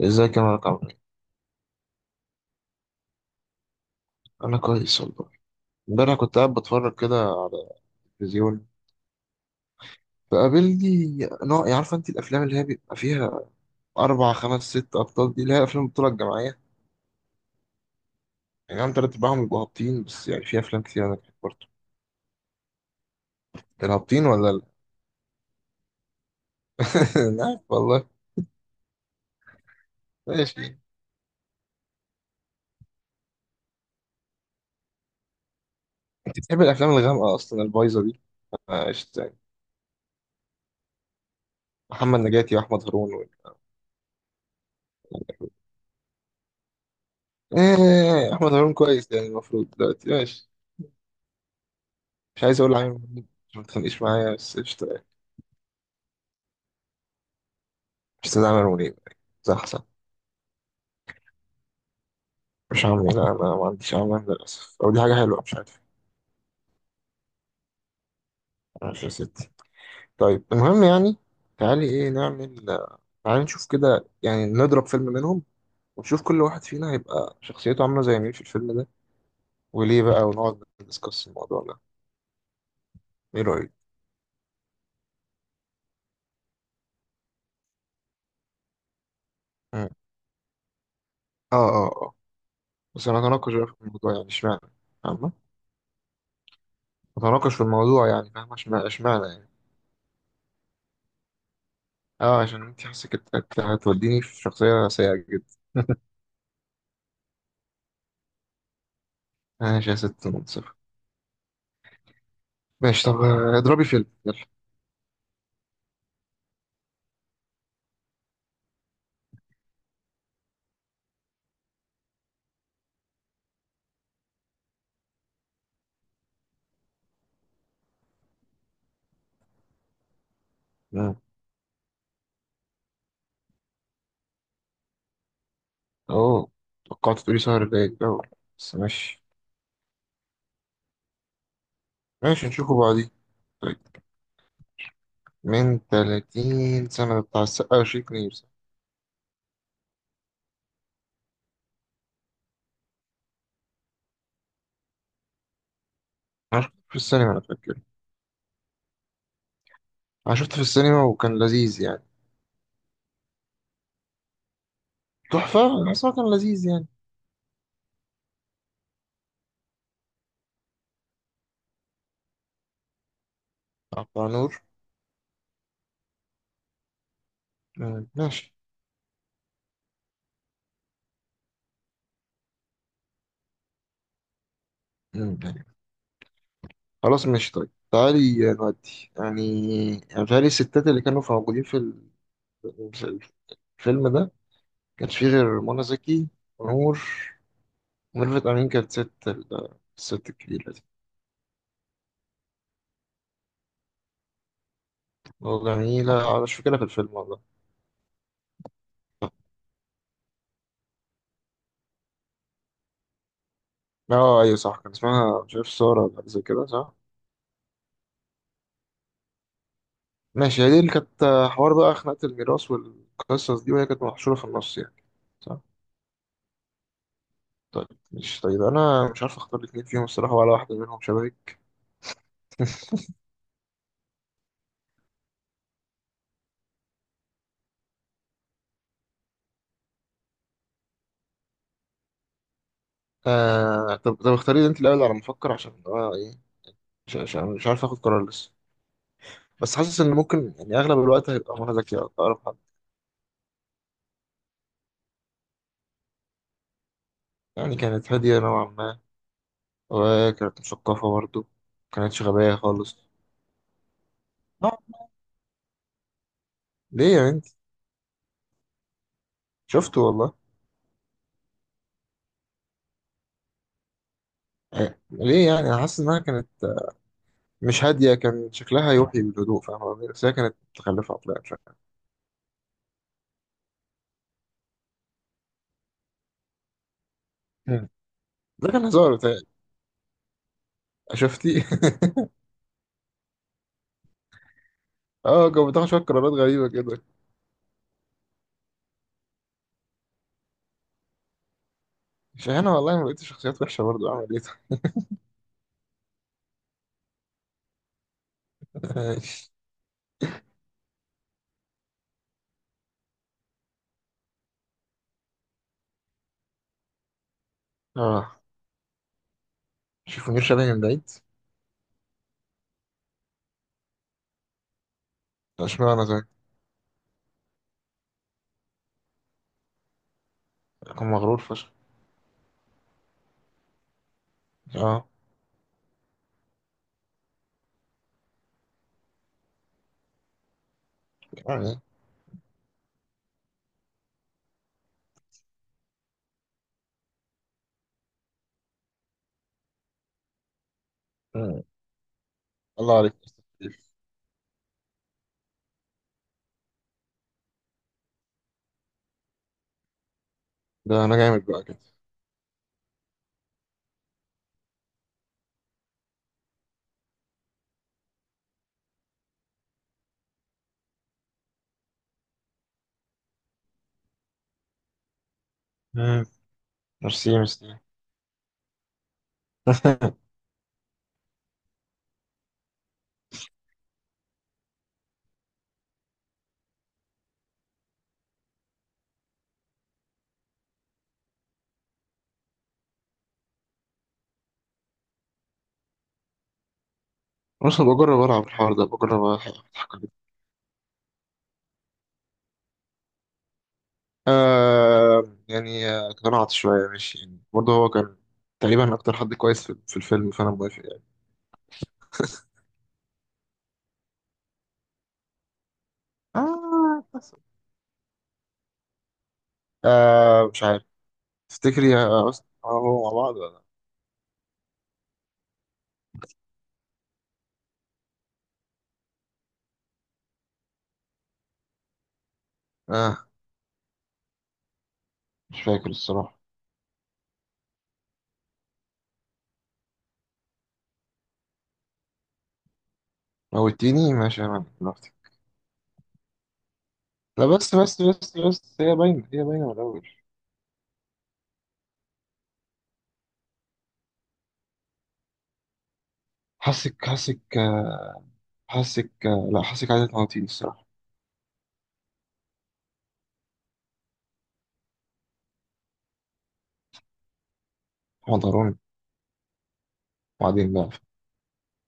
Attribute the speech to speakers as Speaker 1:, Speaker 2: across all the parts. Speaker 1: ازيك يا مارك عمرو؟ انا كويس والله. امبارح كنت قاعد بتفرج كده على التلفزيون، فقابلني نوع، يعني عارفه انت الافلام اللي هي بيبقى فيها اربع خمس ست ابطال دي، اللي هي افلام البطوله الجماعيه، يعني عم تلات ارباعهم بيبقوا هابطين، بس يعني في افلام كتير انا بحب برضه الهابطين ولا لا. أنا عارف والله. ماشي. انت بتحب الافلام الغامقه اصلا البايظه دي؟ آه، قشطه يعني. محمد نجاتي واحمد هارون و... ايه احمد هارون كويس يعني، المفروض دلوقتي ماشي. مش عايز اقول عامل منيب عشان ما تتخانقيش معايا، بس قشطه يعني. مش عايز اعمل منيب. صح، صح. مش عامل إيه؟ لا، أنا ما عنديش أعمال للأسف، أو دي حاجة حلوة مش عارف. ماشي يا ستي. طيب المهم يعني. تعالي إيه نعمل؟ تعالي نشوف كده، يعني نضرب فيلم منهم، ونشوف كل واحد فينا هيبقى شخصيته عاملة زي مين في الفيلم ده، وليه بقى، ونقعد ندسكس الموضوع ده. إيه رأيك؟ مم. آه، آه، آه. بس أنا أتناقش بقى في الموضوع، يعني إشمعنى. فاهمة؟ أتناقش في الموضوع يعني، فاهمة إشمعنى إشمعنى يعني. آه، عشان أنت حاسك إنت هتوديني في شخصية سيئة جدا. ماشي يا ست منصف. ماشي طب، اضربي فيلم. يلا. اه. توقعت تقولي شهر باقي الأول، بس ماشي. ماشي نشوفه بعدين. طيب. من 30 سنة ده بتاع السقا وشريك نير، صح؟ أنا شفته في السينما أنا فاكر. أنا شفته في السينما وكان لذيذ يعني. تحفة، أنا بس هو كان لذيذ يعني. بتاع نور. مم، ماشي. يعني خلاص ماشي طيب، تعالي نودي يعني. يعني بتهيألي الستات اللي كانوا في موجودين في الفيلم ده كانش فيه غير منى زكي ونور. وميرفت أمين كانت الست الكبيرة دي. اه جميلة أنا مش فاكرها في الفيلم والله. اه أيوة صح، كان اسمها مش عارف سارة ولا حاجة زي كده، صح. ماشي هي دي اللي كانت، حوار بقى، خناقة الميراث والقصص دي، وهي كانت محشورة في النص يعني. صح. طيب، مش طيب، أنا مش عارف أختار الاتنين فيهم الصراحة ولا واحدة منهم شبهي. آه طب طب اختاري لي أنت الأول على ما أفكر، عشان أنا إيه، مش عارف آخد قرار لسه. بس حاسس إن ممكن يعني أغلب الوقت هيبقى منى زكي أقرب حد. يعني كانت هادية نوعا ما، وكانت مثقفة برضه، ما كانتش غبية خالص. نوع. ليه يا بنت؟ شفته والله. أه، ليه يعني، انا حاسس انها كانت مش هاديه، كان شكلها يوحي بالهدوء فاهم قصدي، بس هي كانت متخلفه عقليا شويه. مم. ده كان هزار بتاعي. شفتي؟ اه كانت بتاخد شويه قرارات غريبه كده. مش انا والله ما لقيت شخصيات وحشه برضه اعمل ايه. طيب؟ اه. شوف منير شلبي من بعيد. اشمعنى زي. كان مغرور فشخ. اه. يعني. مم. الله عليك يا أستاذ شريف. ده انا جامد بقى كده. مم. ميرسي، ميرسي. بص، بجرب العب الحوار ده، بجرب اضحك. آه. يعني اقتنعت شوية ماشي يعني، برضه هو كان تقريبا أكتر حد كويس في الفيلم، فأنا موافق يعني. آه بس. آه مش عارف. تفتكري يا أست هو مع بعض ولا؟ لأ؟ آه. مش فاكر الصراحة. موتيني ماشي يا مان دلوقتي. لا، بس هي باينة هي باينة من الأول. حاسك حاسك، حاسك، لا، حاسك عايزة تموتيني الصراحة. حضروني. وبعدين بقى.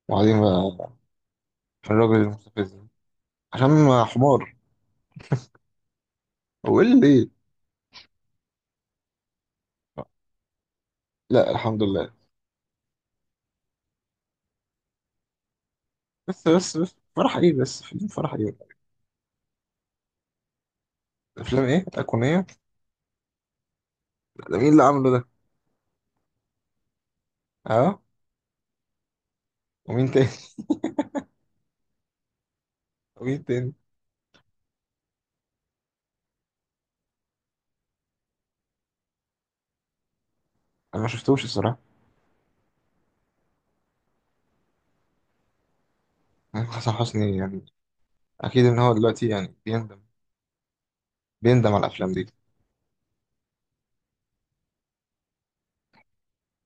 Speaker 1: وبعدين بقى. في الراجل المستفز ده. عشان حمار. هو إيه اللي. لا، الحمد لله. بس فرح ايه، بس فيلم فرح ايه؟ افلام ايه ايقونيه؟ ده مين اللي عامله ده؟ اه. ومين تاني؟ ومين تاني؟ انا ما شفتوش الصراحه. يعني حسن حسني يعني، اكيد ان هو دلوقتي يعني بيندم، بيندم على الافلام دي.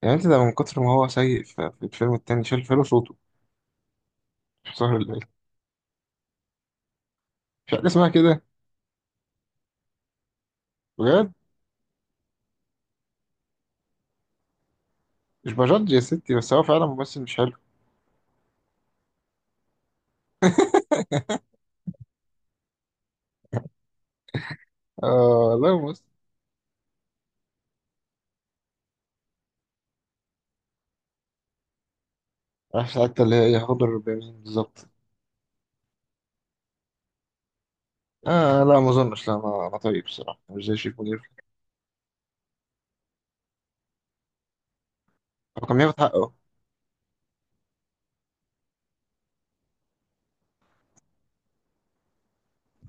Speaker 1: يعني انت ده من كتر ما هو سيء في الفيلم التاني شال فيلم صوته. مش عارف اللي-. مش حاجه اسمها كده. بجد. مش بجد يا ستي، بس هو فعلا ممثل مش حلو. اه لا ممثل. عارف حتى اللي هي ايه هضر بمين بالظبط. اه لا ما اظنش، لا انا طيب الصراحه، مش زي شريف منير. هو كان بياخد حقه.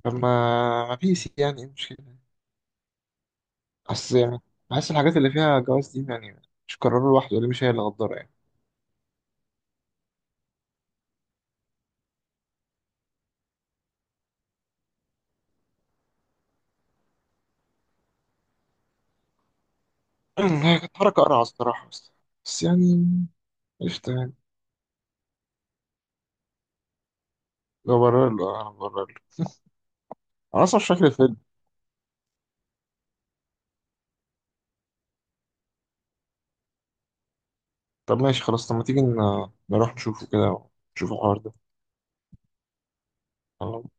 Speaker 1: طب ما بيس يعني، ايه المشكلة؟ أصل يعني، بحس الحاجات اللي فيها جواز دي يعني، مش قراره لوحده، اللي مش هي اللي غدارة يعني. هي كانت حركة قرعة الصراحة، بس. بس يعني قشطة يعني. لو برر له أنا برر له. أنا أصلا مش فاكر الفيلم. طب ماشي خلاص، طب ما تيجي نروح نشوفه كده ونشوف الحوار ده.